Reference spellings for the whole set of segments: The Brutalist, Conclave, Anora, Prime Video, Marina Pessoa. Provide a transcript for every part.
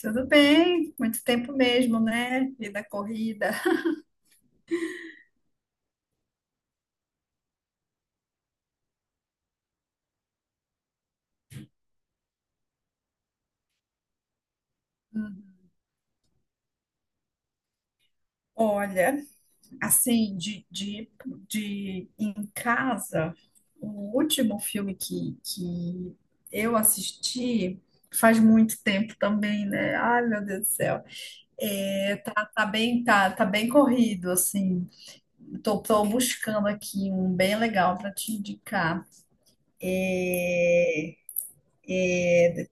Tudo bem, muito tempo mesmo, né? Vida corrida. Uhum. Olha, assim, de em casa, o último filme que eu assisti faz muito tempo também, né? Ai, meu Deus do céu. É, tá bem corrido, assim. Tô buscando aqui um bem legal para te indicar. É, é.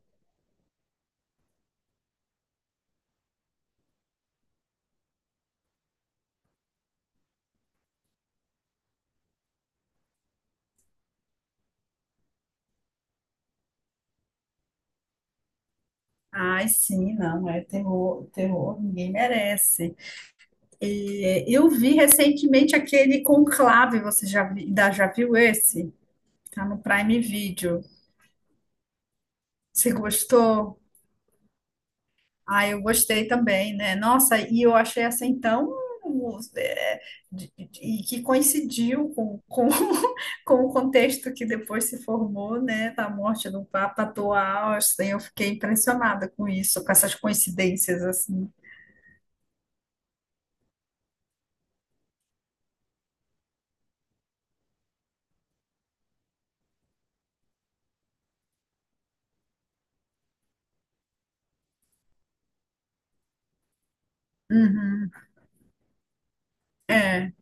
Ai, sim, não, é terror, terror, ninguém merece. E eu vi recentemente aquele Conclave, ainda já viu esse? Tá no Prime Video. Você gostou? Ah, eu gostei também, né? Nossa, e eu achei essa então. é, E que coincidiu com o contexto que depois se formou, né, da morte do Papa do Austin. Eu fiquei impressionada com isso, com essas coincidências assim. Uhum, é.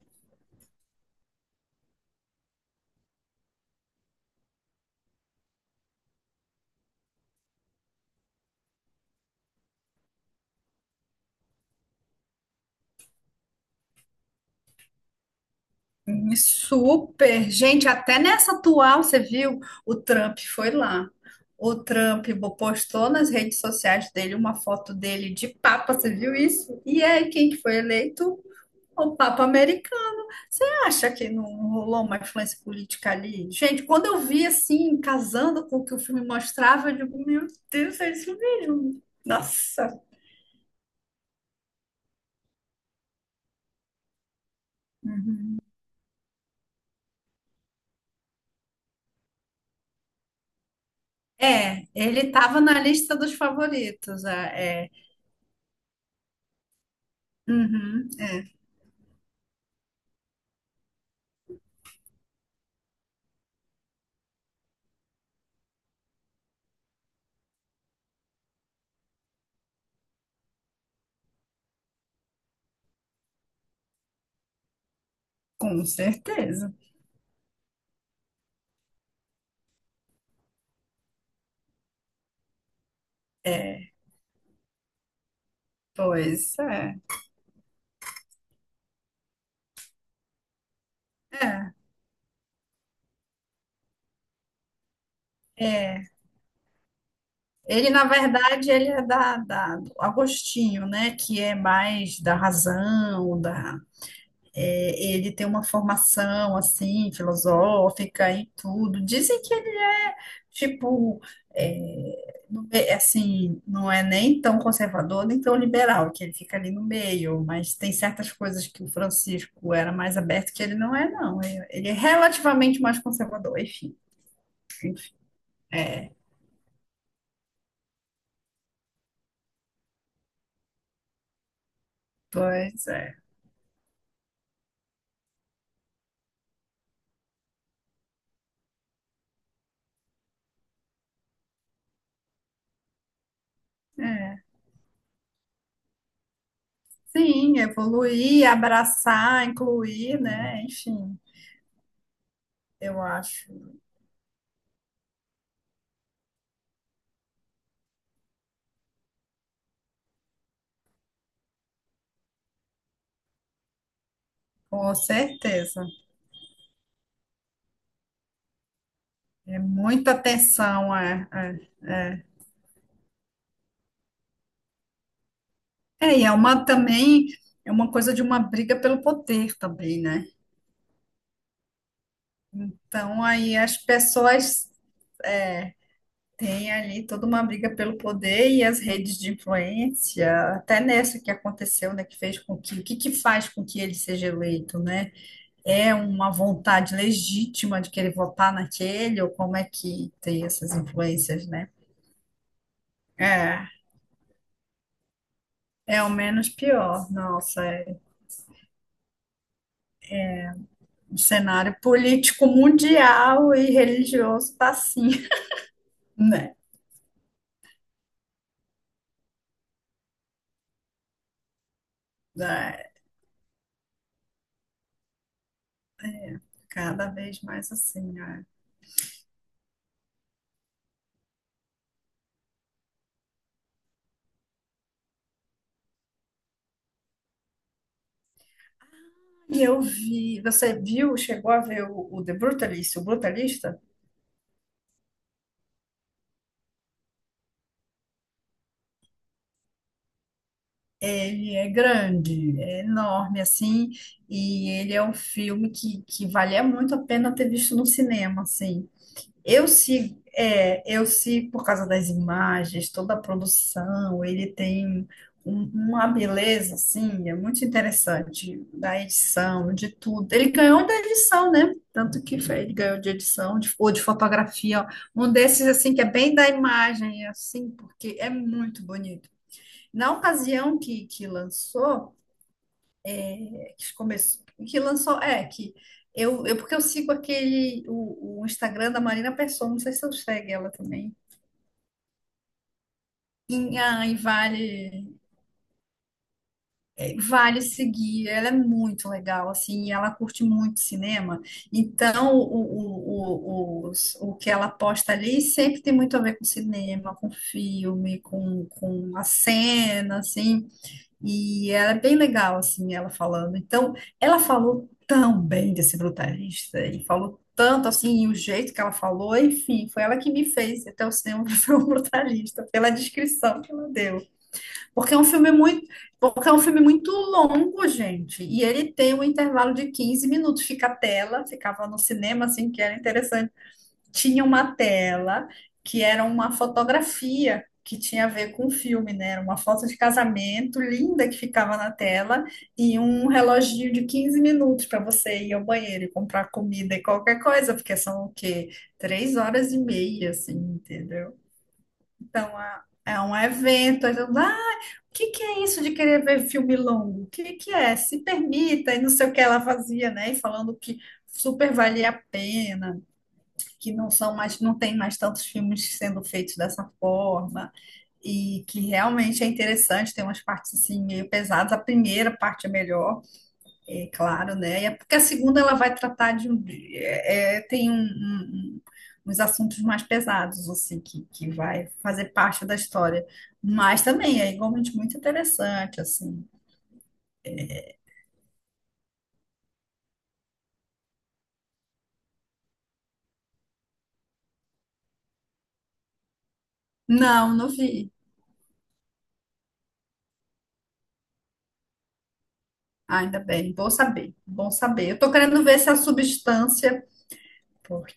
Super. Gente, até nessa atual, você viu? O Trump foi lá. O Trump postou nas redes sociais dele uma foto dele de Papa, você viu isso? E aí, quem que foi eleito? O Papa americano. Você acha que não rolou uma influência política ali? Gente, quando eu vi assim, casando com o que o filme mostrava, eu digo, meu Deus, é isso mesmo. Nossa. É, ele estava na lista dos favoritos. É. Uhum, é, com certeza. É, pois é. Ele, na verdade, ele é do Agostinho, né? Que é mais da razão. Ele tem uma formação assim, filosófica e tudo. Dizem que ele é tipo, é, assim, não é nem tão conservador nem tão liberal, que ele fica ali no meio, mas tem certas coisas que o Francisco era mais aberto que ele não é, não. Ele é relativamente mais conservador, enfim. Pois é. É. Sim, evoluir, abraçar, incluir, né? Enfim, eu acho, com certeza. É muita atenção. É, e é uma também, é uma coisa de uma briga pelo poder também, né? Então, aí as pessoas é, têm ali toda uma briga pelo poder e as redes de influência, até nessa que aconteceu, né? Que fez com que, O que que faz com que ele seja eleito, né? É uma vontade legítima de querer votar naquele, ou como é que tem essas influências, né? É, é o menos pior. Nossa, é. O cenário político mundial e religioso tá assim, né? É, cada vez mais assim, né? E eu vi, você viu, chegou a ver o The Brutalist, o Brutalista? Ele é grande, é enorme, assim, e ele é um filme que valia muito a pena ter visto no cinema, assim. Eu sigo por causa das imagens, toda a produção. Ele tem uma beleza, assim, é muito interessante, da edição, de tudo. Ele ganhou da edição, né? Tanto que ele ganhou de edição, ou de fotografia, ó. Um desses, assim, que é bem da imagem, assim, porque é muito bonito. Na ocasião que lançou, é, que começou, que lançou, é, que eu, porque eu sigo aquele, o Instagram da Marina Pessoa, não sei se eu segue ela também. E, ai, vale seguir, ela é muito legal, assim, e ela curte muito cinema, então o que ela posta ali sempre tem muito a ver com cinema, com filme, com a cena, assim. E ela é bem legal, assim, ela falando. Então, ela falou tão bem desse brutalista, e falou tanto, assim, e o jeito que ela falou, enfim, foi ela que me fez até o cinema ver o brutalista, pela descrição que ela deu. Porque é um filme muito, Porque é um filme muito longo, gente, e ele tem um intervalo de 15 minutos, fica a tela, ficava no cinema, assim, que era interessante. Tinha uma tela que era uma fotografia que tinha a ver com o filme, né? Era uma foto de casamento linda que ficava na tela e um reloginho de 15 minutos para você ir ao banheiro e comprar comida e qualquer coisa, porque são o quê? 3 horas e meia, assim, entendeu? Então, é um evento. Aí todo mundo, ah, o que que é isso de querer ver filme longo? O que que é? Se permita, e não sei o que ela fazia, né? E falando que super valia a pena, que não são mais, não tem mais tantos filmes sendo feitos dessa forma, e que realmente é interessante, tem umas partes assim meio pesadas. A primeira parte é melhor, é claro, né? E é porque a segunda ela vai tratar de um, é, é, tem um, um- um- uns assuntos mais pesados, assim, que vai fazer parte da história. Mas também é igualmente muito interessante, assim. Não, não vi. Ainda bem, bom saber, bom saber. Eu tô querendo ver se a substância, porque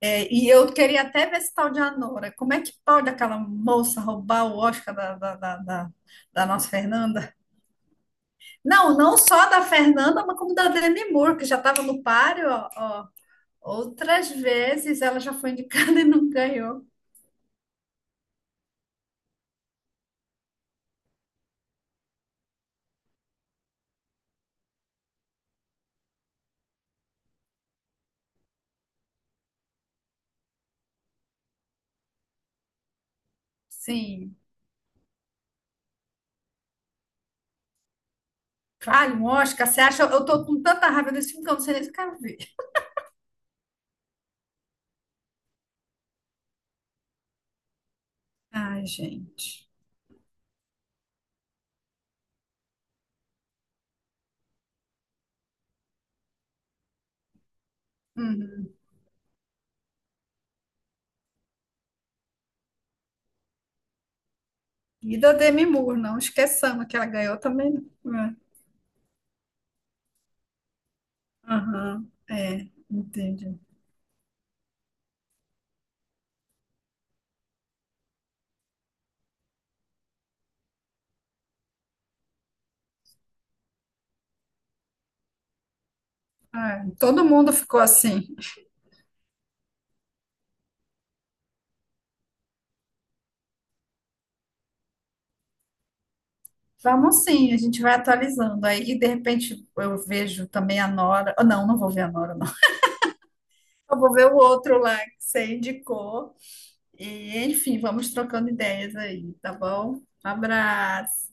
E eu queria até ver esse tal de Anora. Como é que pode aquela moça roubar o Oscar da nossa Fernanda? Não, não só da Fernanda, mas como da Demi Moore, que já estava no páreo, ó, ó. Outras vezes ela já foi indicada e não ganhou. Sim. Vale um Oscar? Você acha? Eu tô com tanta raiva desse filme que eu não sei nem se eu quero ver. Ai, gente. Uhum. E da Demi Moore, não esqueçamos que ela ganhou também. Né? Aham. É, entendi. É, todo mundo ficou assim. Vamos sim, a gente vai atualizando. Aí, de repente, eu vejo também a Nora. Ah, não, não vou ver a Nora, não. Eu vou ver o outro lá que você indicou. E, enfim, vamos trocando ideias aí, tá bom? Abraço.